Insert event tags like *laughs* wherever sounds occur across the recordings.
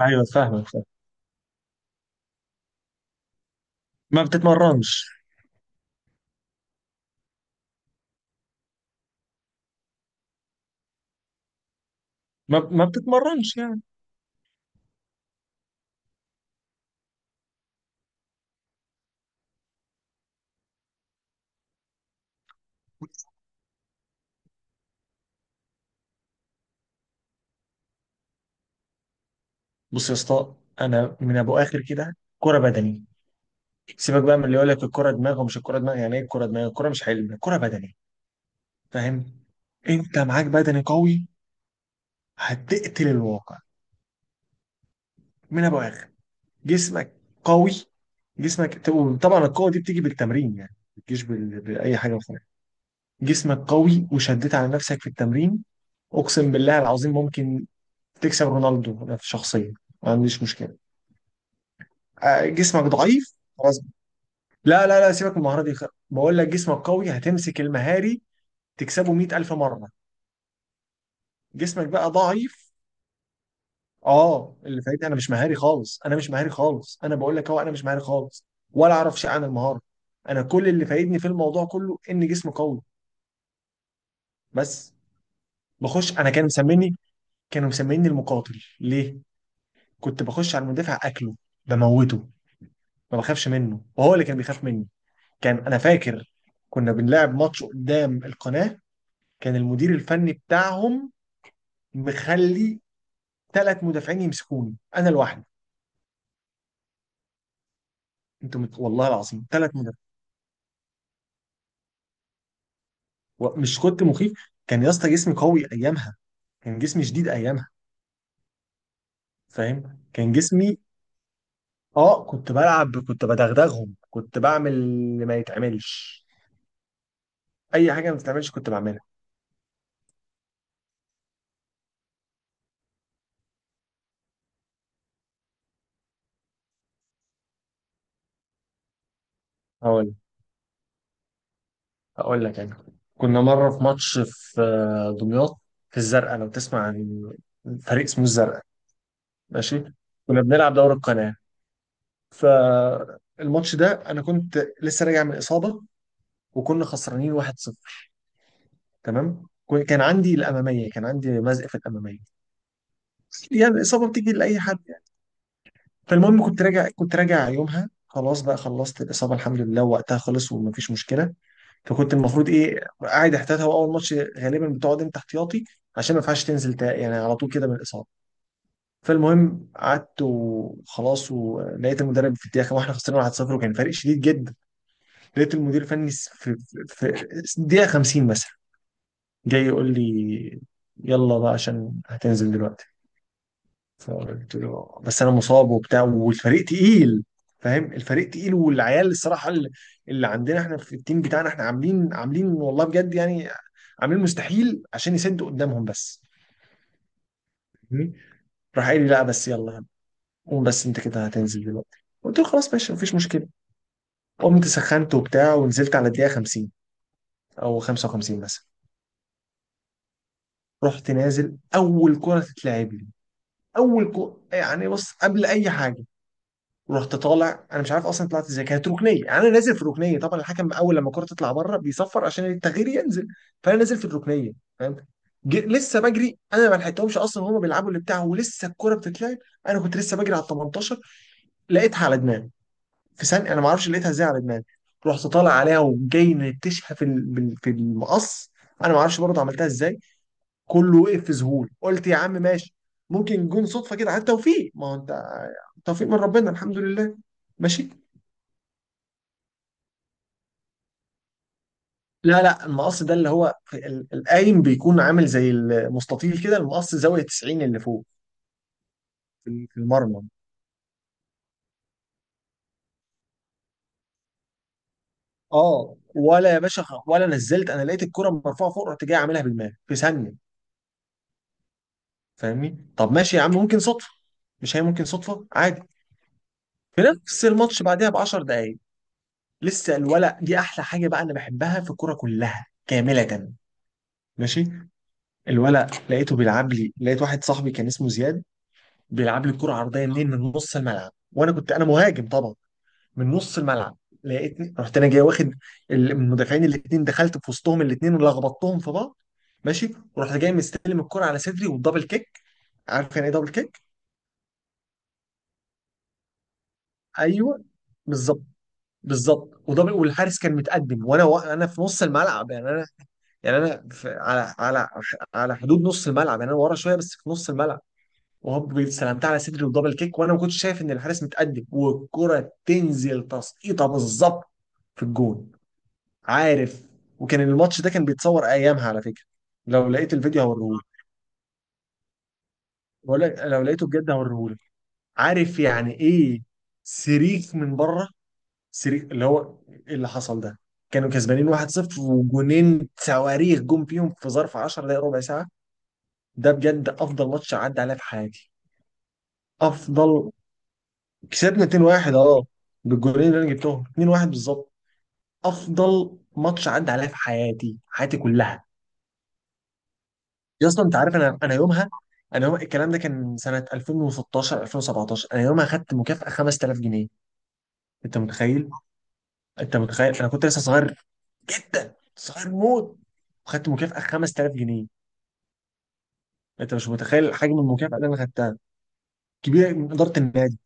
ايوه، فاهمك فاهم. ما بتتمرنش. ما بتتمرنش يعني. بص يا اسطى، انا من ابو اخر كده كرة بدني. سيبك بقى من اللي يقول لك الكرة دماغ ومش الكرة دماغ، يعني ايه الكرة دماغ؟ الكرة مش علم، الكرة بدني، فاهم. انت معاك بدني قوي، هتقتل الواقع. من ابو اخر جسمك قوي، جسمك. طبعا القوة دي بتيجي بالتمرين، يعني ما بتجيش بال... بأي حاجة أخرى. جسمك قوي وشديت على نفسك في التمرين، اقسم بالله العظيم ممكن تكسب رونالدو، أنا في شخصيا ما عنديش مشكلة. جسمك ضعيف خلاص. لا لا لا، سيبك من المهارة دي. خ- بقول لك جسمك قوي هتمسك المهاري، تكسبه 100000 مرة. جسمك بقى ضعيف. اه اللي فايت، انا مش مهاري خالص، انا مش مهاري خالص، انا بقول لك اهو انا مش مهاري خالص، ولا اعرف شيء عن المهارة. انا كل اللي فايدني في الموضوع كله ان جسمي قوي بس. بخش، انا كانوا مسميني، كانوا مسميني المقاتل. ليه؟ كنت بخش على المدافع اكله بموته، ما بخافش منه وهو اللي كان بيخاف مني. كان انا فاكر، كنا بنلعب ماتش قدام القناة، كان المدير الفني بتاعهم مخلي ثلاث مدافعين يمسكوني انا لوحدي. انتوا مت... والله العظيم ثلاث مدافعين. و- مش كنت مخيف، كان يا اسطى جسمي قوي ايامها، كان جسمي شديد ايامها، فاهم كان جسمي. اه كنت بلعب، كنت بدغدغهم، كنت بعمل اللي ما يتعملش، اي حاجه ما بتتعملش كنت بعملها. هقول، هقول لك انا، كنا مره في ماتش في دمياط، في الزرقاء لو تسمع عن فريق اسمه الزرقاء. ماشي. كنا بنلعب دوري القناه، فالماتش ده انا كنت لسه راجع من اصابه، وكنا خسرانين 1-0. تمام. كو- كان عندي الاماميه، كان عندي مزق في الاماميه، يعني الاصابه بتيجي لاي حد يعني. فالمهم كنت راجع، كنت راجع يومها، خلاص بقى خلصت الاصابه الحمد لله وقتها، خلص ومفيش مشكله. فكنت المفروض ايه، قاعد احتياطي، هو اول ماتش غالبا بتقعد انت احتياطي، عشان ما ينفعش تنزل تا- يعني على طول كده من الاصابه. فالمهم قعدت وخلاص، ولقيت المدرب في الدقيقه واحنا خسرنا 1-0 وكان فرق شديد جدا. لقيت المدير الفني س- في, في دقيقة 50 مثلا، جاي يقول لي يلا بقى عشان هتنزل دلوقتي. فقلت له بس انا مصاب وبتاع والفريق تقيل، فاهم، الفريق تقيل، والعيال الصراحة، اللي اللي عندنا احنا في التيم بتاعنا، احنا عاملين والله بجد يعني، عاملين مستحيل عشان يسدوا قدامهم بس. فاهمني؟ راح قال لي لا بس يلا قوم، بس انت كده هتنزل دلوقتي. قلت له خلاص ماشي مفيش مشكلة. قمت سخنت وبتاع ونزلت على الدقيقة 50 او 55 مثلا. رحت نازل، اول كرة تتلعب لي، اول كرة، يعني بص، قبل اي حاجة، رحت طالع انا مش عارف اصلا طلعت ازاي، كانت ركنيه يعني انا نازل في ركنيه. طبعا الحكم اول لما الكره تطلع بره بيصفر عشان التغيير ينزل، فانا نازل في الركنيه، فاهم. جي- لسه بجري انا، ما لحقتهمش اصلا وهم بيلعبوا اللي بتاعه ولسه الكوره بتتلعب. انا كنت لسه بجري على ال 18، لقيتها على دماغي، في ثانيه انا ما اعرفش لقيتها ازاي على دماغي، رحت طالع عليها وجاي نتشها في ال- بال- في المقص، انا ما اعرفش برضه عملتها ازاي. كله وقف في ذهول. قلت يا عم ماشي، ممكن جون صدفه كده عن توفيق، ما هو انت توفيق من ربنا الحمد لله. ماشي. لا لا، المقص ده اللي هو في ال- القايم بيكون عامل زي المستطيل كده، المقص زاويه 90 اللي فوق في في المرمى. اه ولا يا باشا، خ- ولا نزلت، انا لقيت الكره مرفوعه فوق، رحت جاي عاملها بالمال في ثانيه، فاهمني. طب ماشي يا عم، ممكن صدفه، مش هي ممكن صدفه عادي. في نفس الماتش بعدها ب 10 دقائق، لسه الولد دي احلى حاجه بقى انا بحبها في الكوره كلها كامله. ماشي. الولد لقيته بيلعب لي، لقيت واحد صاحبي كان اسمه زياد بيلعب لي الكرة عرضية منين، من نص الملعب، وانا كنت انا مهاجم طبعا، من نص الملعب. لقيتني رحت انا جاي واخد ال- من المدافعين الاثنين، دخلت في وسطهم الاثنين ولخبطتهم في بعض. ماشي. ورحت جاي مستلم الكرة على صدري والدبل كيك، عارف يعني ايه دبل كيك؟ ايوه، بالظبط، بالظبط ودبل، والحارس كان متقدم وانا و... انا في نص الملعب، يعني انا، يعني انا في... على على على حدود نص الملعب، يعني انا ورا شويه بس في نص الملعب، وهوب سلمتها على صدري ودبل كيك، وانا ما كنتش شايف ان الحارس متقدم، والكره تنزل تسقيطه بالظبط في الجون، عارف. وكان الماتش ده كان بيتصور ايامها على فكره، لو لقيت الفيديو هوريهولك، بقول لك لو لقيته بجد هوريهولك. عارف يعني ايه سريك من بره، سريك اللي هو إيه اللي حصل ده. كانوا كسبانين 1-0، وجونين صواريخ جم فيهم في ظرف 10 دقايق ربع ساعه. ده بجد افضل ماتش عدى عليا في حياتي. افضل. كسبنا 2-1 اه، بالجولين اللي انا جبتهم، 2-1 بالظبط. افضل ماتش عدى عليا في حياتي، حياتي كلها. يا اسطى انت عارف انا، انا يومها، انا يوم الكلام ده كان سنه 2016 2017، انا يومها خدت مكافاه 5000 جنيه. انت متخيل؟ انت متخيل، انا كنت لسه صغير جدا، صغير موت، وخدت مكافاه 5000 جنيه، انت مش متخيل حجم المكافاه اللي انا خدتها، كبيره، من اداره النادي،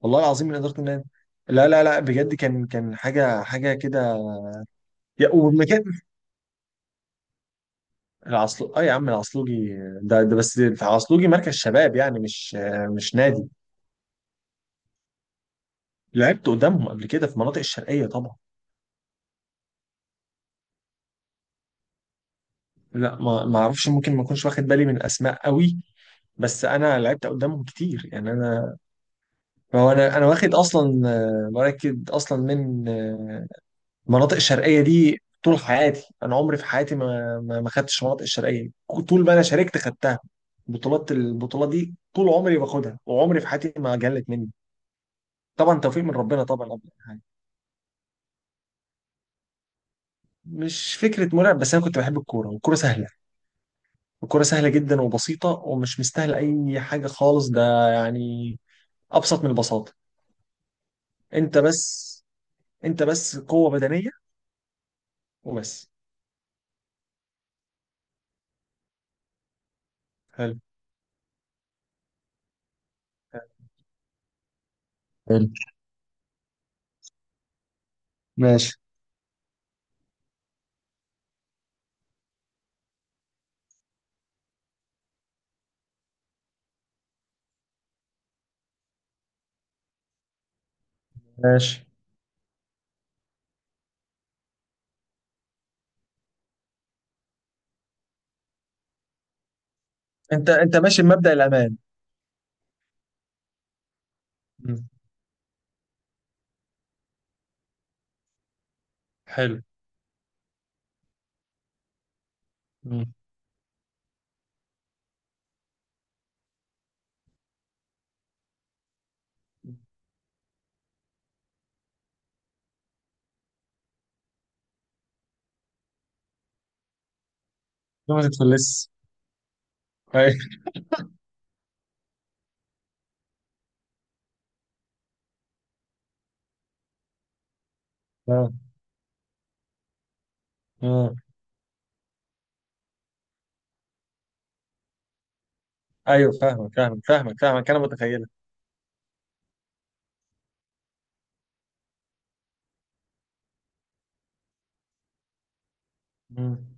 والله العظيم من اداره النادي. لا لا لا بجد، كان كان حاجه، حاجه كده. يا- والمكان العصلو، اه يا عم، العصلوجي ده, بس في عصلوجي مركز شباب، يعني مش مش نادي. لعبت قدامهم قبل كده في مناطق الشرقية طبعا. لا ما اعرفش، ممكن ما اكونش واخد بالي من الاسماء قوي، بس انا لعبت قدامهم كتير يعني انا. هو انا انا واخد اصلا مراكد اصلا من المناطق الشرقية دي طول حياتي، انا عمري في حياتي ما خدتش مناطق الشرقية، طول ما انا شاركت خدتها. بطولات البطولة دي طول عمري باخدها، وعمري في حياتي ما جلت مني. طبعا توفيق من ربنا طبعا قبل أي حاجة. مش فكرة مرعب، بس أنا كنت بحب الكورة والكورة سهلة. الكورة سهلة جدا وبسيطة ومش مستاهلة أي حاجة خالص ده، يعني أبسط من البساطة. أنت بس، أنت بس قوة بدنية وبس. حلو حلو ماشي ماشي أنت أنت ماشي بمبدأ الأمان مم. حلو مم. ليه ما تتفلس أيوه آه. آه. أيوه فاهمك فاهمك فاهمك فاهمك أنا متخيلة مم.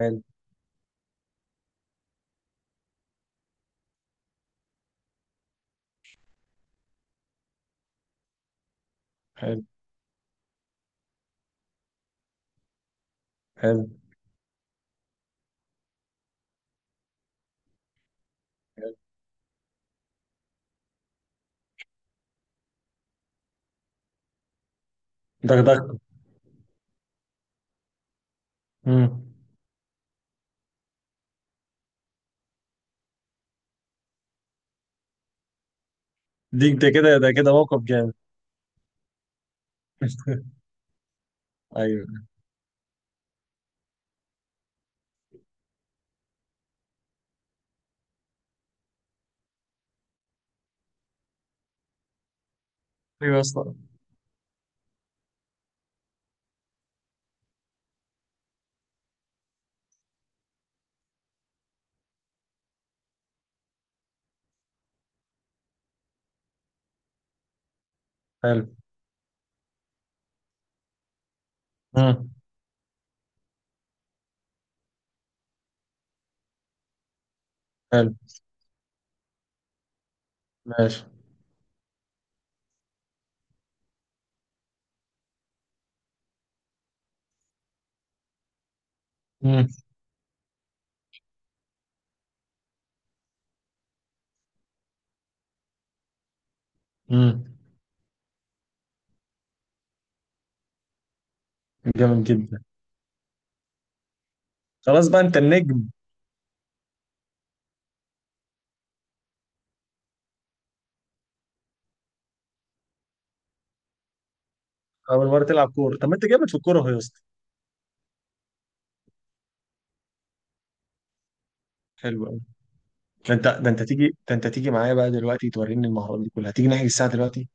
حلو حلو حلو دغدغته مم. دي ده كده ده كده موقف جامد *laughs* ايوه ايوه يا اسطى حلو مم. حلو ماشي مم. مم. جامد جدا خلاص بقى انت النجم اول مره تلعب كوره طب ما انت جامد في الكوره اهو يا اسطى حلو قوي ده انت ده انت تيجي ده انت تيجي معايا بقى دلوقتي توريني المهارات دي كلها تيجي نحجز الساعه دلوقتي